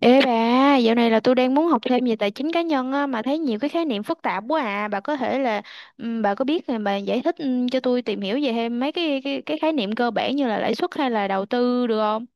Ê bà, dạo này là tôi đang muốn học thêm về tài chính cá nhân á, mà thấy nhiều cái khái niệm phức tạp quá à. Bà có thể là bà có biết thì bà giải thích cho tôi tìm hiểu về thêm mấy cái khái niệm cơ bản như là lãi suất hay là đầu tư được không?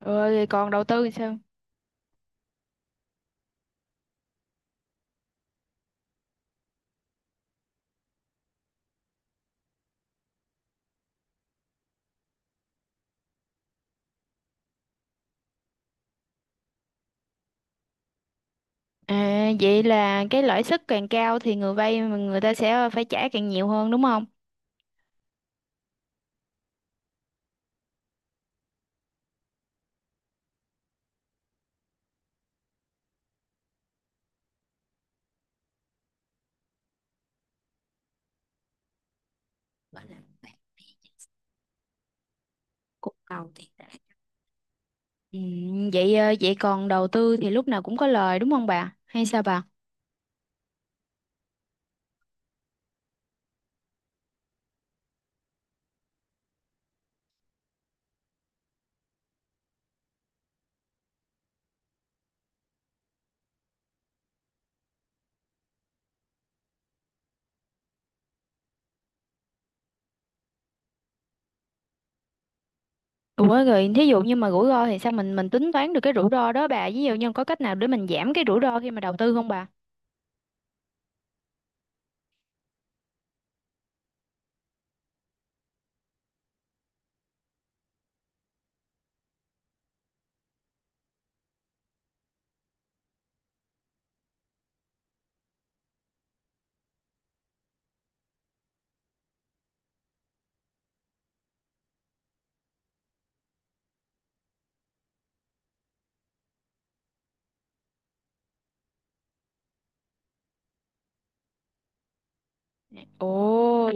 Rồi còn đầu tư thì sao? À, vậy là cái lãi suất càng cao thì người vay mà người ta sẽ phải trả càng nhiều hơn đúng không? Cục đầu thì vậy vậy còn đầu tư thì lúc nào cũng có lời đúng không bà? Hay sao bà? Ủa rồi thí dụ như mà rủi ro thì sao mình tính toán được cái rủi ro đó bà, ví dụ như có cách nào để mình giảm cái rủi ro khi mà đầu tư không bà? Ồ,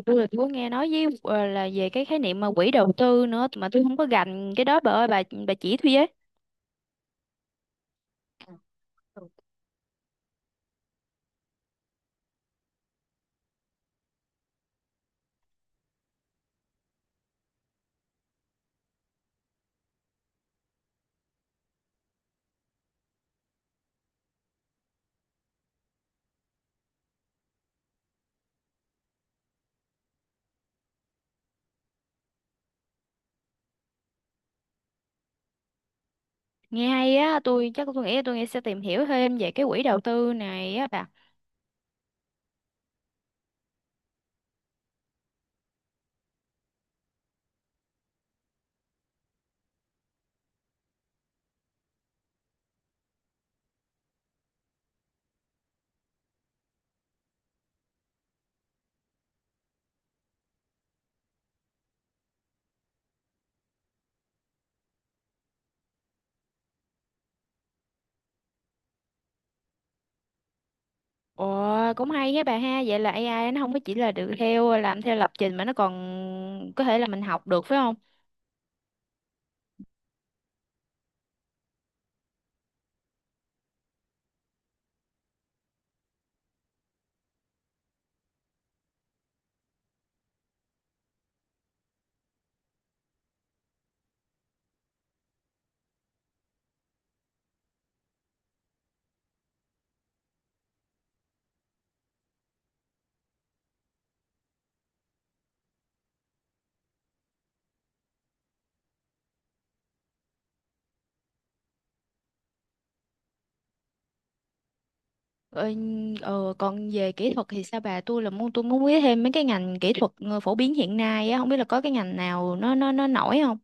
tôi có nghe nói với là về cái khái niệm mà quỹ đầu tư nữa mà tôi không có gành cái đó bà ơi, bà chỉ tôi với. Nghe hay á, tôi chắc tôi nghĩ sẽ tìm hiểu thêm về cái quỹ đầu tư này á bà. Ồ, cũng hay á bà ha, vậy là AI nó không có chỉ là được theo làm theo lập trình mà nó còn có thể là mình học được phải không? Ờ, còn về kỹ thuật thì sao bà, tôi muốn biết thêm mấy cái ngành kỹ thuật phổ biến hiện nay á, không biết là có cái ngành nào nó nổi không.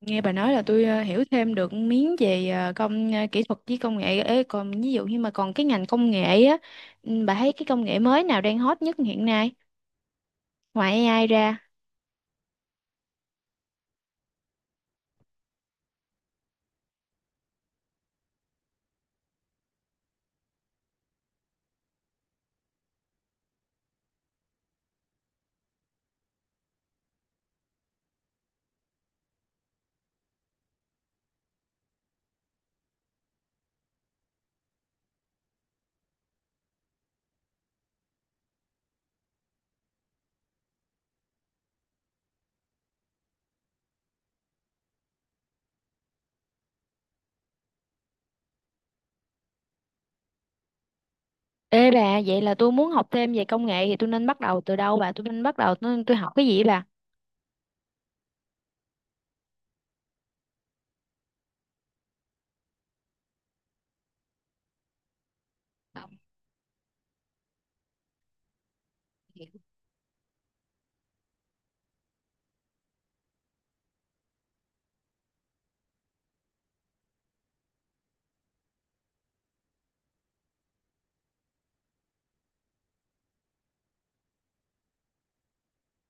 Nghe bà nói là tôi hiểu thêm được miếng về kỹ thuật với công nghệ. Ê, còn ví dụ như mà còn cái ngành công nghệ á, bà thấy cái công nghệ mới nào đang hot nhất hiện nay ngoài AI ra? Ê bà, vậy là tôi muốn học thêm về công nghệ thì tôi nên bắt đầu từ đâu bà? Tôi nên bắt đầu tôi học cái gì bà?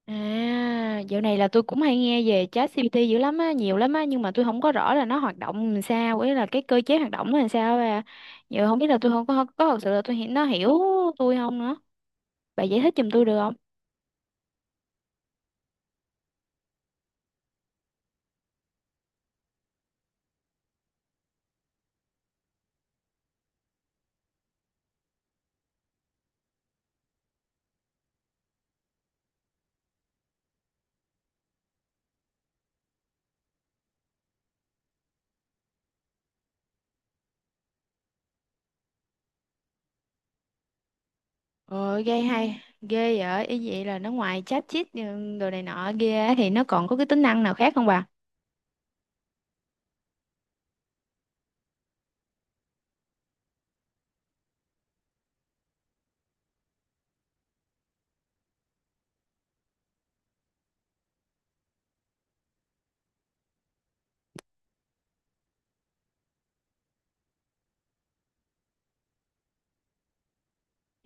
À, dạo này là tôi cũng hay nghe về ChatGPT dữ lắm á, nhiều lắm á, nhưng mà tôi không có rõ là nó hoạt động làm sao, ấy là cái cơ chế hoạt động nó làm sao à. Giờ không biết là tôi không có có thật sự là nó hiểu tôi không nữa. Bà giải thích giùm tôi được không? Ờ, ghê hay, ghê vậy, ý vậy là nó ngoài chat chít ừ, đồ này nọ kia thì nó còn có cái tính năng nào khác không bà?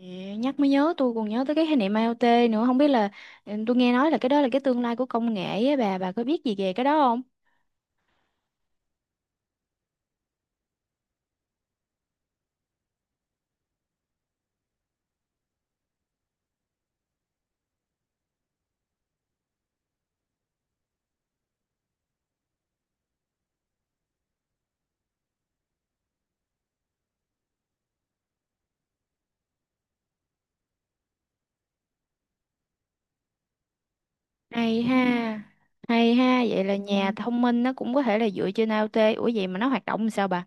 Ừ, nhắc mới nhớ tôi còn nhớ tới cái khái niệm IoT nữa, không biết là tôi nghe nói là cái đó là cái tương lai của công nghệ á bà có biết gì về cái đó? Hay ha, hay ha, vậy là ừ, nhà thông minh nó cũng có thể là dựa trên IoT. Ủa vậy mà nó hoạt động làm sao bà?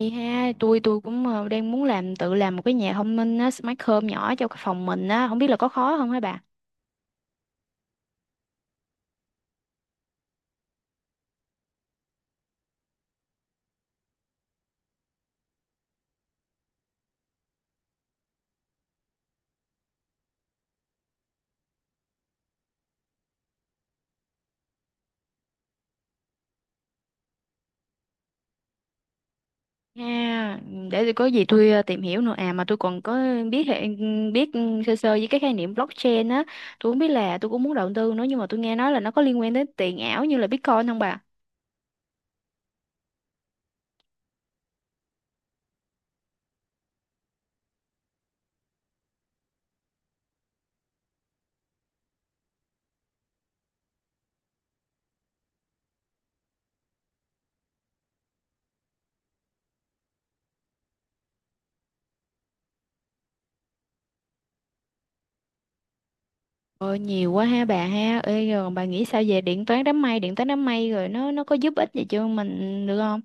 Hay ha, tôi cũng đang muốn làm tự làm một cái nhà thông minh á, smart home nhỏ cho cái phòng mình á, không biết là có khó không hả bà? Ha, để tôi có gì tôi tìm hiểu nữa. À mà tôi còn có biết hệ- biết sơ sơ với cái khái niệm blockchain á, tôi không biết là tôi cũng muốn đầu tư nữa nhưng mà tôi nghe nói là nó có liên quan đến tiền ảo như là Bitcoin không bà? Ôi, nhiều quá ha bà ha. Ê, rồi bà nghĩ sao về điện toán đám mây, điện toán đám mây rồi nó có giúp ích gì cho mình được không?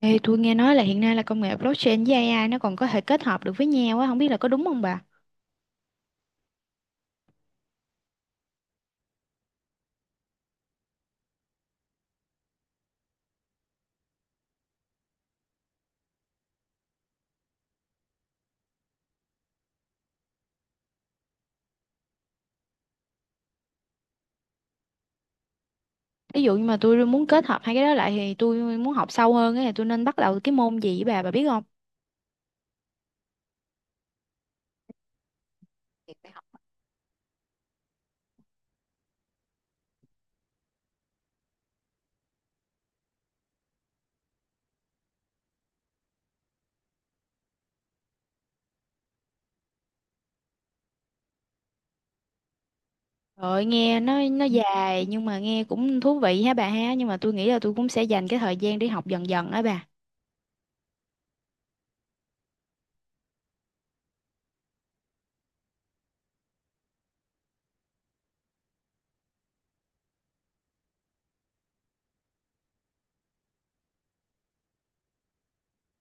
Ê, tôi nghe nói là hiện nay là công nghệ blockchain với AI nó còn có thể kết hợp được với nhau á, không biết là có đúng không bà? Ví dụ như mà tôi muốn kết hợp hai cái đó lại thì tôi muốn học sâu hơn ấy, thì tôi nên bắt đầu cái môn gì với bà biết không? Rồi nghe nó dài nhưng mà nghe cũng thú vị ha bà ha, nhưng mà tôi nghĩ là tôi cũng sẽ dành cái thời gian để học dần dần á bà.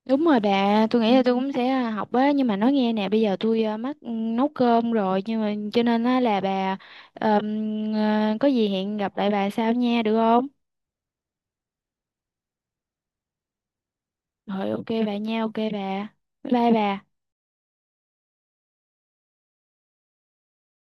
Đúng rồi bà, tôi nghĩ là tôi cũng sẽ học á, nhưng mà nói nghe nè, bây giờ tôi mắc nấu cơm rồi, nhưng mà cho nên á là bà có gì hẹn gặp lại bà sau nha được không? Rồi ok bà nha, ok bà. Bye bà.